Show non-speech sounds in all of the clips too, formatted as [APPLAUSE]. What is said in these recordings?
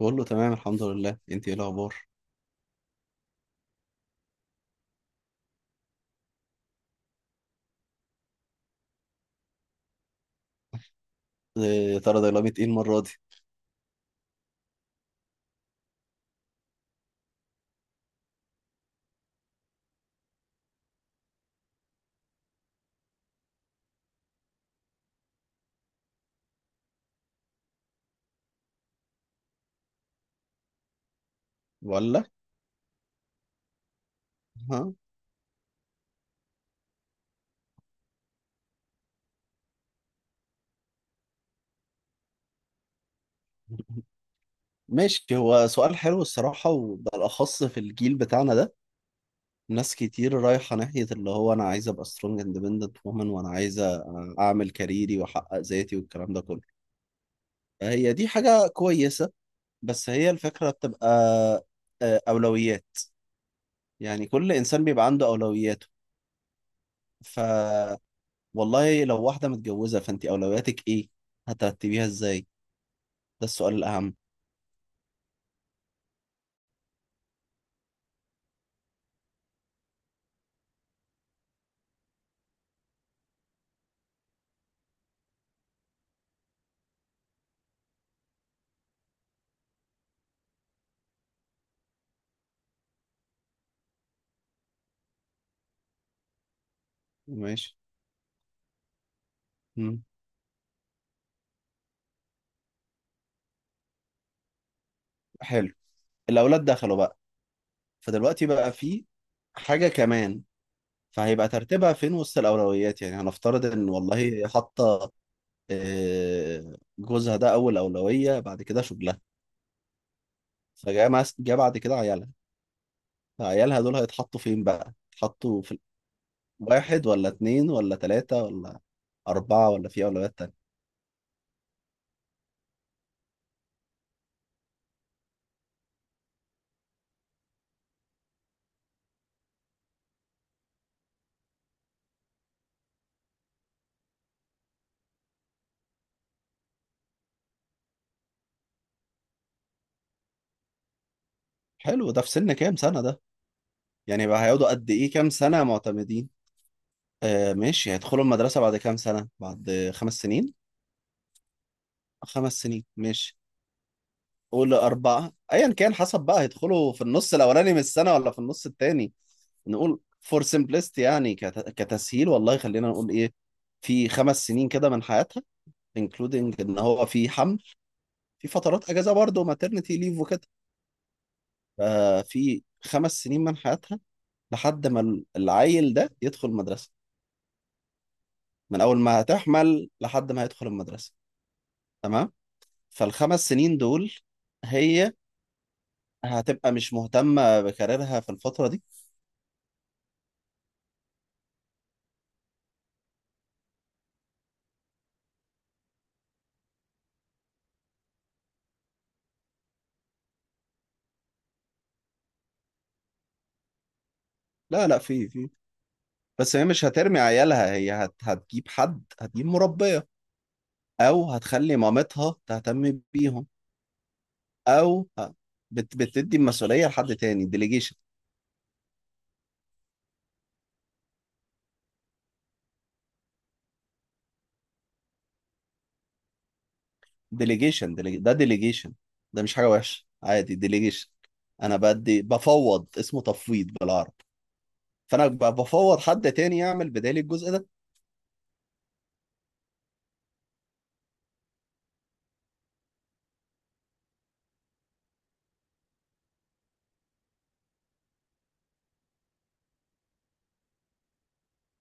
بقول له تمام الحمد لله، انت ايه الاخبار؟ إيه يا ترى ده؟ لعبة ايه المرة دي؟ بقول لك. ها. ماشي، هو سؤال حلو الصراحة وبالأخص في الجيل بتاعنا ده. ناس كتير رايحة ناحية اللي هو أنا عايز أبقى سترونج اندبندنت وومن، وأنا عايزة أعمل كاريري وأحقق ذاتي والكلام ده كله. هي دي حاجة كويسة، بس هي الفكرة بتبقى أولويات. يعني كل إنسان بيبقى عنده أولوياته. ف والله لو واحدة متجوزة فأنت أولوياتك إيه؟ هترتبيها إزاي؟ ده السؤال الأهم. ماشي. مم. حلو. الأولاد دخلوا بقى، فدلوقتي بقى في حاجة كمان، فهيبقى ترتيبها فين وسط الأولويات؟ يعني هنفترض إن والله حاطة جوزها ده أول أولوية، بعد كده شغلها، جه بعد كده عيالها. فعيالها دول هيتحطوا فين بقى؟ يتحطوا في واحد ولا اتنين ولا تلاتة ولا أربعة، ولا في أولويات تانية؟ حلو، ده في سن كام سنة ده؟ يعني بقى هيقعدوا قد إيه كام سنة معتمدين؟ آه ماشي، هيدخلوا المدرسة بعد كام سنة؟ بعد خمس سنين؟ خمس سنين ماشي، قول أربعة، أيا كان، حسب بقى هيدخلوا في النص الأولاني من السنة ولا في النص التاني. نقول فور simplicity، يعني كتسهيل، والله خلينا نقول إيه، في خمس سنين كده من حياتها، including إن هو في حمل، في فترات أجازة برضه maternity leave وكده. ففي خمس سنين من حياتها لحد ما العيل ده يدخل المدرسة، من أول ما هتحمل لحد ما هيدخل المدرسة. تمام؟ فالخمس سنين دول هي هتبقى مش مهتمة بكاريرها في الفترة دي. لا، لا، في. بس هي مش هترمي عيالها، هي هتجيب حد، هتجيب مربية، أو هتخلي مامتها تهتم بيهم، أو بتدي المسؤولية لحد تاني. ديليجيشن، ده ديليجيشن، ده مش حاجة وحشة، عادي ديليجيشن. أنا بدي بفوض، اسمه تفويض بالعربي. فأنا بفوض حد تاني يعمل بدالي الجزء ده.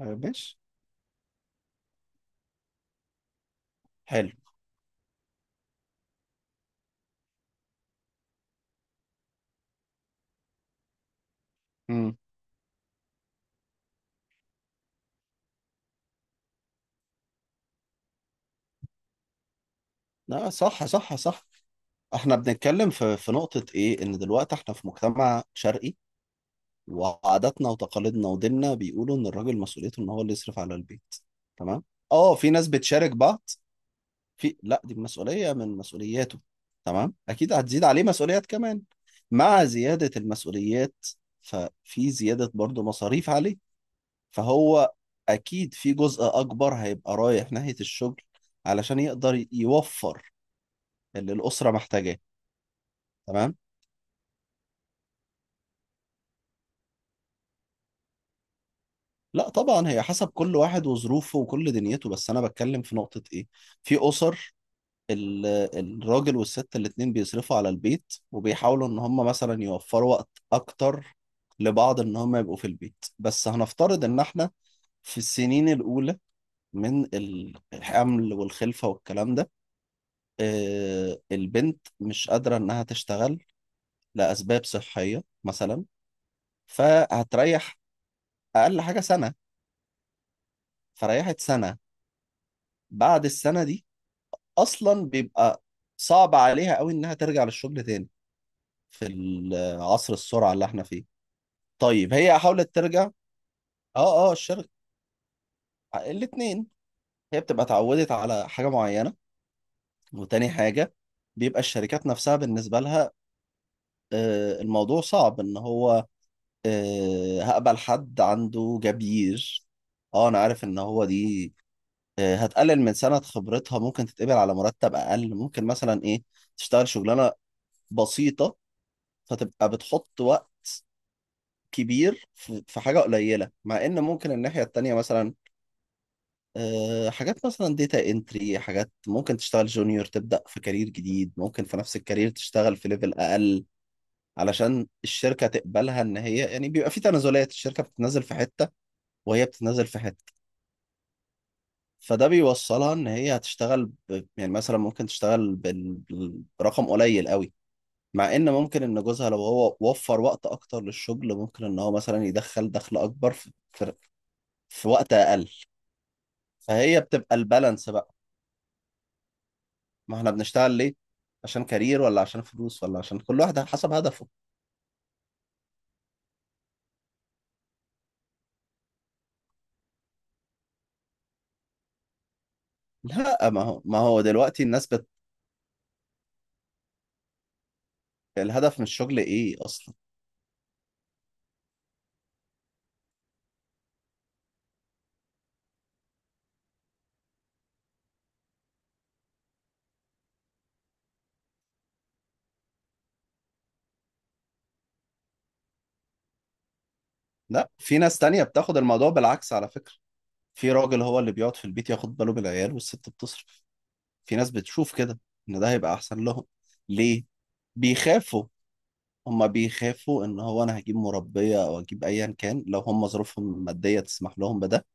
آه، ماشي. حلو. لا، صح صح صح. احنا بنتكلم في نقطة ايه، ان دلوقتي احنا في مجتمع شرقي، وعاداتنا وتقاليدنا وديننا بيقولوا ان الراجل مسؤوليته ان هو اللي يصرف على البيت. تمام. اه في ناس بتشارك بعض، لا، دي مسؤولية من مسؤولياته. تمام، اكيد هتزيد عليه مسؤوليات كمان، مع زيادة المسؤوليات ففي زيادة برضو مصاريف عليه. فهو اكيد في جزء اكبر هيبقى رايح ناحية الشغل، علشان يقدر يوفر اللي الأسرة محتاجاه. تمام. لا طبعا، هي حسب كل واحد وظروفه وكل دنيته، بس انا بتكلم في نقطة ايه، في اسر ال- الراجل والست الاتنين بيصرفوا على البيت، وبيحاولوا ان هم مثلا يوفروا وقت اكتر لبعض، ان هم يبقوا في البيت. بس هنفترض ان احنا في السنين الاولى من الحمل والخلفة والكلام ده، البنت مش قادرة انها تشتغل لاسباب صحية مثلا، فهتريح اقل حاجة سنة. فريحت سنة، بعد السنة دي اصلا بيبقى صعب عليها قوي انها ترجع للشغل تاني، في عصر السرعه اللي احنا فيه. طيب هي حاولت ترجع. اه اه، الشركه، الاثنين. هي بتبقى اتعودت على حاجه معينه، وتاني حاجه بيبقى الشركات نفسها بالنسبه لها الموضوع صعب، ان هو هقبل حد عنده جبير؟ اه انا عارف ان هو دي هتقلل من سنه خبرتها، ممكن تتقبل على مرتب اقل، ممكن مثلا ايه، تشتغل شغلانه بسيطه، فتبقى بتحط وقت كبير في في حاجة قليلة، مع إن ممكن الناحية التانية مثلا حاجات مثلا ديتا انتري، حاجات ممكن تشتغل جونيور، تبدأ في كارير جديد، ممكن في نفس الكارير تشتغل في ليفل أقل، علشان الشركة تقبلها. إن هي يعني بيبقى في تنازلات، الشركة بتتنازل في حتة، وهي بتتنازل في حتة، فده بيوصلها إن هي هتشتغل يعني مثلا ممكن تشتغل برقم قليل قوي، مع ان ممكن ان جوزها لو هو وفر وقت اكتر للشغل، ممكن ان هو مثلا يدخل دخل اكبر في وقت اقل. فهي بتبقى البالانس بقى، ما احنا بنشتغل ليه؟ عشان كارير، ولا عشان فلوس، ولا عشان كل واحد على حسب هدفه. لا ما هو دلوقتي الناس الهدف من الشغل ايه اصلا؟ لا في ناس تانية بتاخد الموضوع بالعكس على فكرة، في راجل هو اللي بيقعد في البيت ياخد باله بالعيال، والست بتصرف. في ناس بتشوف كده ان ده هيبقى احسن لهم. ليه؟ بيخافوا، هما بيخافوا ان هو انا هجيب مربية او اجيب ايا كان، لو هما ظروفهم المادية تسمح لهم بده.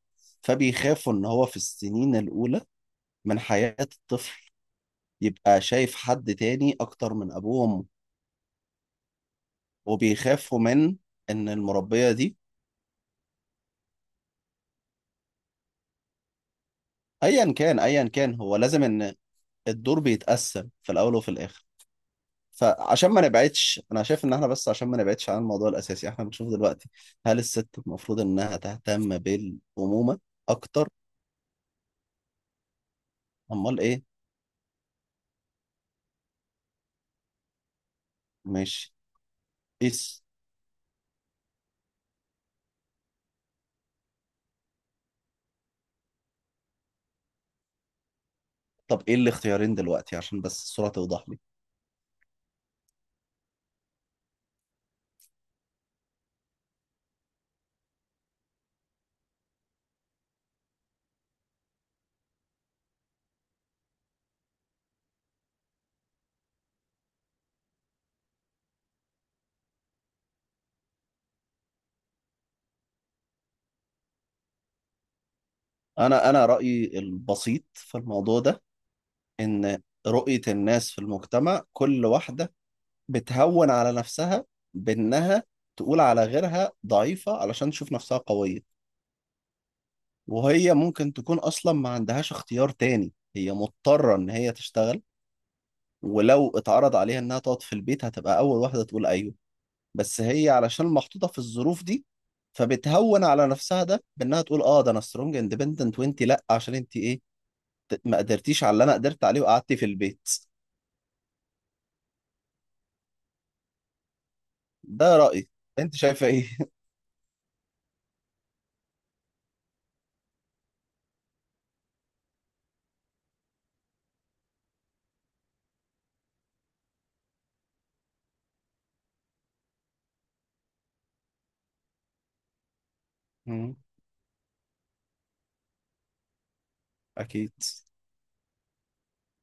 فبيخافوا ان هو في السنين الاولى من حياة الطفل يبقى شايف حد تاني اكتر من ابوه وامه، وبيخافوا من ان المربية دي، ايا كان، ايا كان هو لازم ان الدور بيتقسم، في الاول وفي الاخر. فعشان ما نبعدش، انا شايف ان احنا بس عشان ما نبعدش عن الموضوع الاساسي، احنا بنشوف دلوقتي هل الست المفروض انها تهتم بالامومة اكتر؟ امال ايه. ماشي، قيس. طب ايه الاختيارين دلوقتي، عشان بس الصورة توضح لي؟ انا رأيي البسيط في الموضوع ده، ان رؤية الناس في المجتمع، كل واحدة بتهون على نفسها بانها تقول على غيرها ضعيفة علشان تشوف نفسها قوية. وهي ممكن تكون اصلا ما عندهاش اختيار تاني، هي مضطرة ان هي تشتغل، ولو اتعرض عليها انها تقعد في البيت هتبقى اول واحدة تقول ايوه. بس هي علشان محطوطة في الظروف دي، فبتهون على نفسها ده بانها تقول اه ده انا سترونج اندبندنت، وانت لا، عشان انت ايه، ما قدرتيش على اللي انا قدرت عليه، وقعدتي في البيت. ده رأيي، انت شايفة ايه؟ [LAUGHS] مم. اكيد.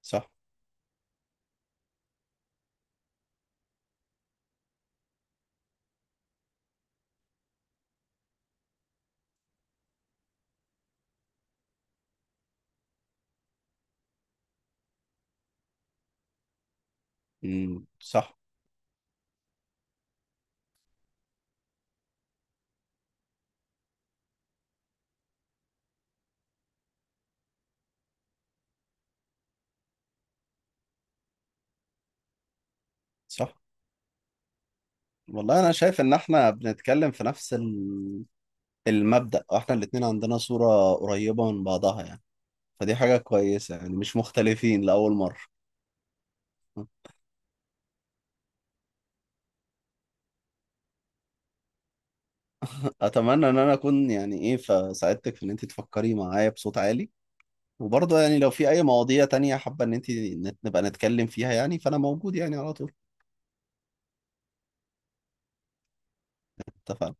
صح. مم. صح، صح. والله انا شايف ان احنا بنتكلم في نفس المبدأ، واحنا الاتنين عندنا صورة قريبة من بعضها يعني. فدي حاجة كويسة يعني، مش مختلفين لأول مرة. اتمنى ان انا اكون يعني ايه فساعدتك في ان انت تفكري معايا بصوت عالي، وبرضه يعني لو في اي مواضيع تانية حابة ان انت نبقى نتكلم فيها، يعني فانا موجود يعني على طول. اتفقنا.